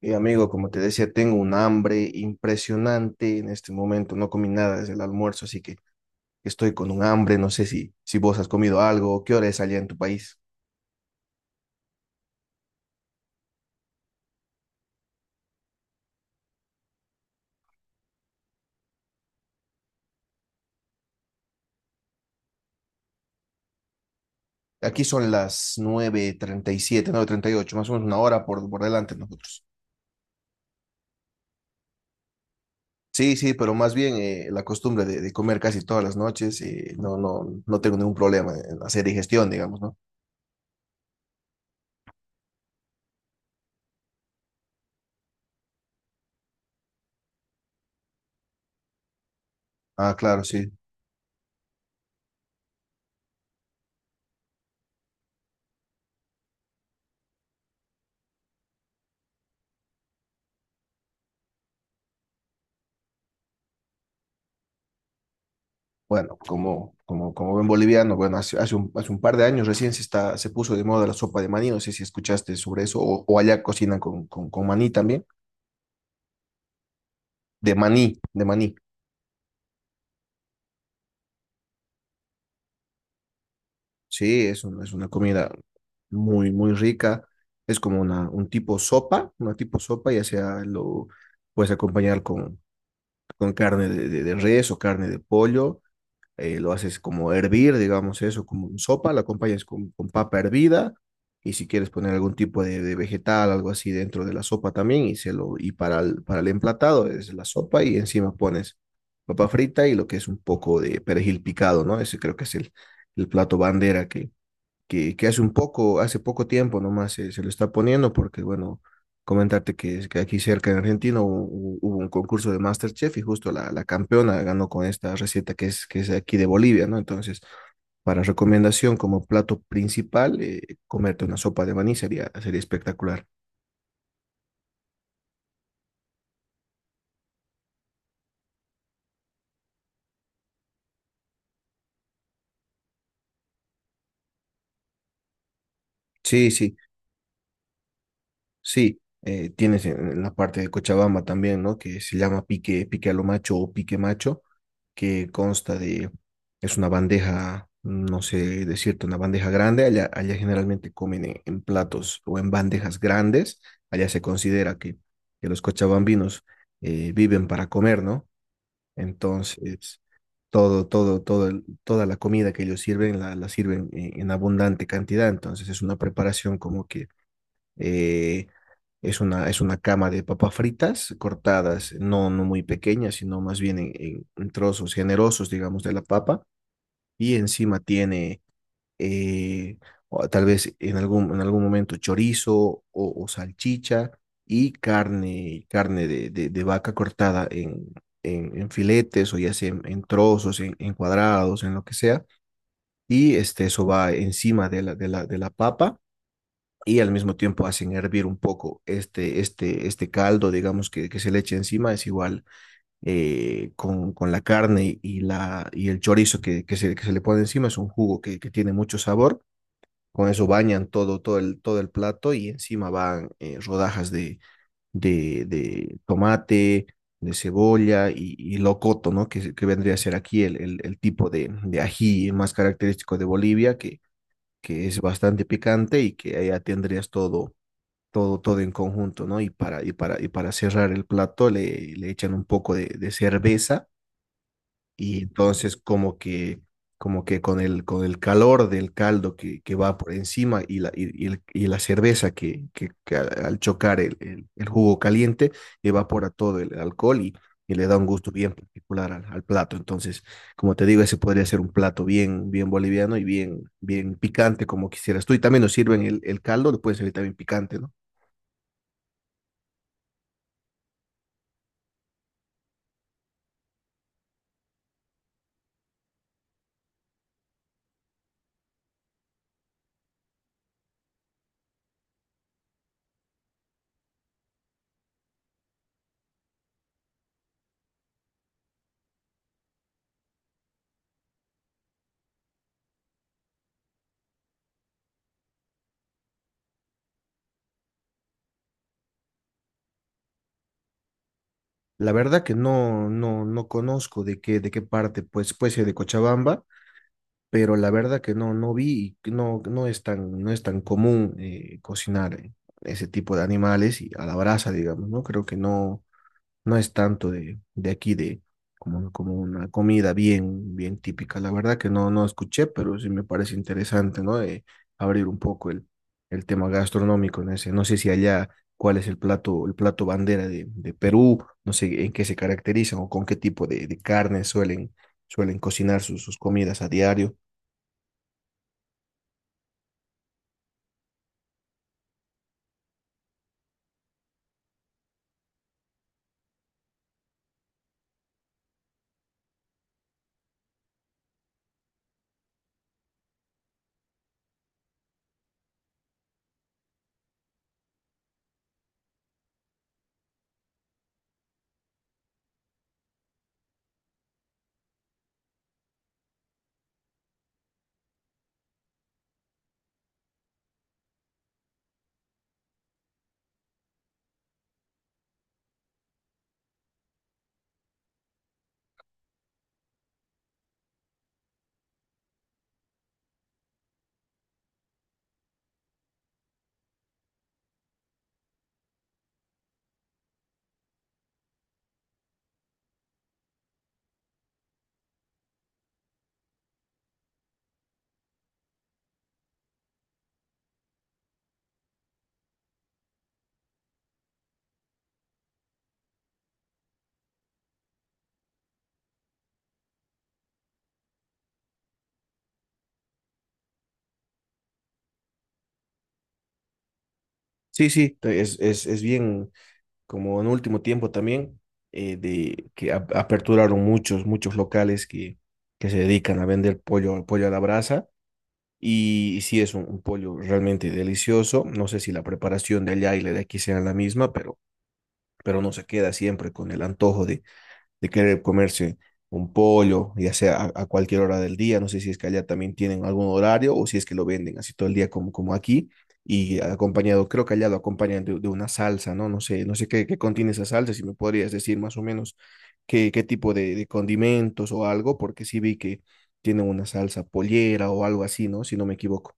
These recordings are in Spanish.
Y amigo, como te decía, tengo un hambre impresionante en este momento. No comí nada desde el almuerzo, así que estoy con un hambre. No sé si, si vos has comido algo. ¿Qué hora es allá en tu país? Aquí son las nueve nueve treinta treinta y siete 9:38 más o menos una hora por delante nosotros. Sí, sí, pero más bien, la costumbre de comer casi todas las noches, no, no, no tengo ningún problema en hacer digestión, digamos, ¿no? Ah, claro, sí. Bueno, como buen boliviano, bueno, hace un par de años recién se puso de moda la sopa de maní, no sé si escuchaste sobre eso, o allá cocinan con maní también, de maní, de maní. Sí, es una comida muy, muy rica. Es como un tipo sopa, ya sea lo puedes acompañar con carne de res o carne de pollo. Lo haces como hervir, digamos eso, como en sopa, la acompañas con papa hervida y si quieres poner algún tipo de vegetal, algo así dentro de la sopa también, y para el emplatado es la sopa y encima pones papa frita y lo que es un poco de perejil picado, ¿no? Ese creo que es el plato bandera que hace poco tiempo nomás se lo está poniendo, porque, bueno, comentarte que aquí cerca en Argentina hubo un concurso de MasterChef y justo la campeona ganó con esta receta que es aquí de Bolivia, ¿no? Entonces, para recomendación como plato principal, comerte una sopa de maní sería, sería espectacular. Sí, sí, sí. Tienes en la parte de Cochabamba también, ¿no? Que se llama pique, pique a lo macho o pique macho, que consta de, es una bandeja, no sé decirte, una bandeja grande. Allá, allá generalmente comen en, platos o en bandejas grandes. Allá se considera que los cochabambinos, viven para comer, ¿no? Entonces, toda la comida que ellos sirven, la sirven en, abundante cantidad. Entonces es una preparación como que... eh, es una, es una cama de papas fritas cortadas, no, no muy pequeñas, sino más bien en trozos generosos, digamos, de la papa. Y encima tiene, eh, o tal vez en algún momento, chorizo o salchicha y carne de vaca cortada en filetes o ya sea en, trozos, en cuadrados, en lo que sea. Y este, eso va encima de la, papa y al mismo tiempo hacen hervir un poco este caldo, digamos, que se le echa encima. Es igual, con la carne y el chorizo que se le pone encima. Es un jugo que tiene mucho sabor. Con eso bañan todo el plato y encima van, rodajas de tomate, de cebolla y locoto, ¿no? Que vendría a ser aquí el tipo de ají más característico de Bolivia, que es bastante picante y que allá tendrías todo, en conjunto, ¿no? Y para cerrar el plato le echan un poco de cerveza. Y entonces, como que con el, calor del caldo que va por encima y la, y el- y la cerveza, que al chocar el jugo caliente, evapora todo el alcohol y le da un gusto bien particular al plato. Entonces, como te digo, ese podría ser un plato bien, bien boliviano y bien, bien picante como quisieras tú. Y también nos sirven el caldo, lo pueden servir también picante, ¿no? La verdad que no, no, no conozco de qué parte, pues puede ser de Cochabamba, pero la verdad que no, no vi, y que no, no es tan común, cocinar, ese tipo de animales y a la brasa, digamos, ¿no? Creo que no, no es tanto de aquí, como una comida bien, bien típica. La verdad que no, no escuché, pero sí me parece interesante, ¿no? De abrir un poco el, tema gastronómico en ese. No sé si allá cuál es el plato bandera de Perú, no sé en qué se caracterizan o con qué tipo de carne suelen cocinar sus comidas a diario. Sí, sí, es bien como en último tiempo también. De que aperturaron muchos locales que se dedican a vender pollo a la brasa. Y, sí, es un pollo realmente delicioso. No sé si la preparación de allá y la de aquí sea la misma, pero, no se queda siempre con el antojo de querer comerse un pollo, ya sea a cualquier hora del día. No sé si es que allá también tienen algún horario o si es que lo venden así todo el día como, aquí. Y acompañado, creo que allá lo acompañan de, una salsa, ¿no? no sé, qué contiene esa salsa, si me podrías decir más o menos qué tipo de condimentos o algo, porque sí vi que tiene una salsa pollera o algo así, ¿no? Si no me equivoco.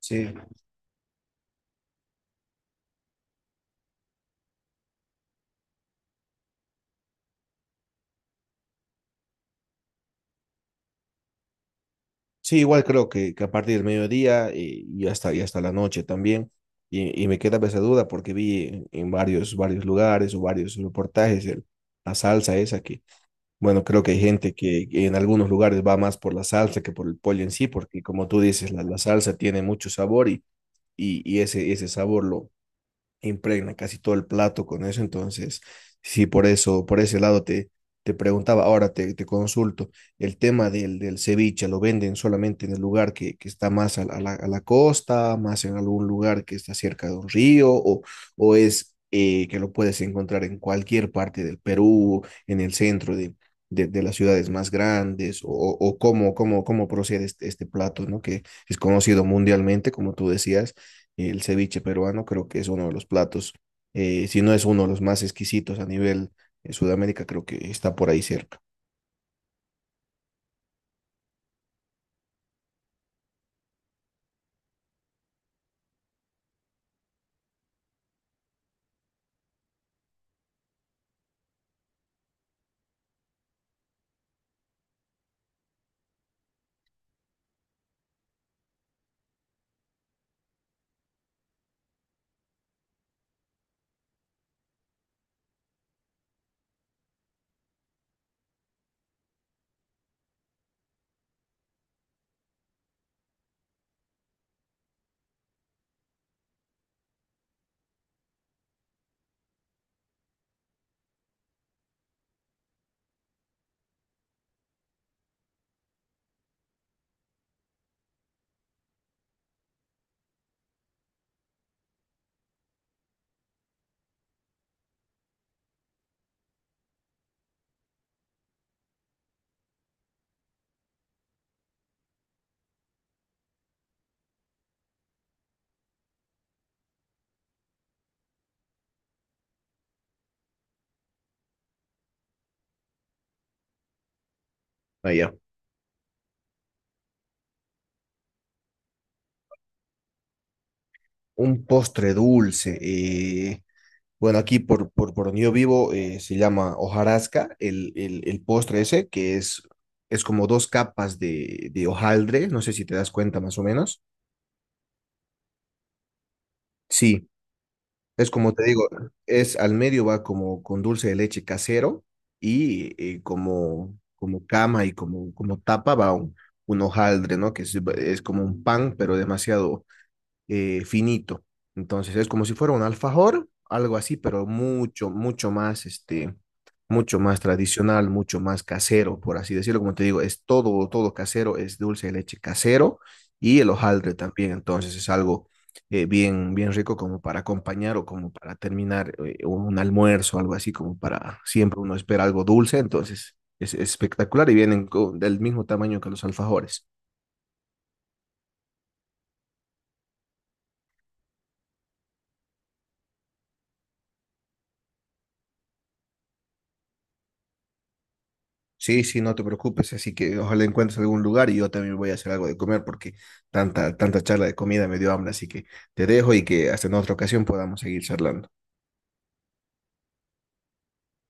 Sí. Sí, igual creo que, a partir del mediodía, y hasta la noche también. Y me queda esa duda porque vi en, varios lugares o varios reportajes la salsa esa que, bueno, creo que hay gente que en algunos lugares va más por la salsa que por el pollo en sí, porque, como tú dices, la, salsa tiene mucho sabor y ese sabor lo impregna casi todo el plato con eso. Entonces sí, por ese lado te, te, preguntaba. Ahora te consulto, el tema del ceviche, ¿lo venden solamente en el lugar que, está más a la costa, más en algún lugar que está cerca de un río, o es, que lo puedes encontrar en cualquier parte del Perú, en el centro de, las ciudades más grandes, o cómo, procede este plato? ¿No? Que es conocido mundialmente, como tú decías, el ceviche peruano creo que es uno de los platos, si no es uno de los más exquisitos a nivel, Sudamérica, creo que está por ahí cerca. Allá. Un postre dulce. Bueno, aquí por, donde yo vivo, se llama hojarasca, el, postre ese, que es como dos capas de hojaldre, no sé si te das cuenta más o menos. Sí, es como te digo, es al medio va como con dulce de leche casero y como, como, cama y como tapa va un, hojaldre, ¿no? Que es como un pan, pero demasiado, finito. Entonces es como si fuera un alfajor, algo así, pero mucho, mucho más, este, mucho más tradicional, mucho más casero, por así decirlo. Como te digo, es todo, todo casero, es dulce de leche casero y el hojaldre también. Entonces es algo, bien, bien rico como para acompañar o como para terminar, un almuerzo, algo así, como para siempre uno espera algo dulce. Entonces es, espectacular y vienen del mismo tamaño que los alfajores. Sí, sí, no te preocupes, así que ojalá encuentres algún lugar y yo también voy a hacer algo de comer porque tanta, tanta charla de comida me dio hambre, así que te dejo y que hasta en otra ocasión podamos seguir charlando.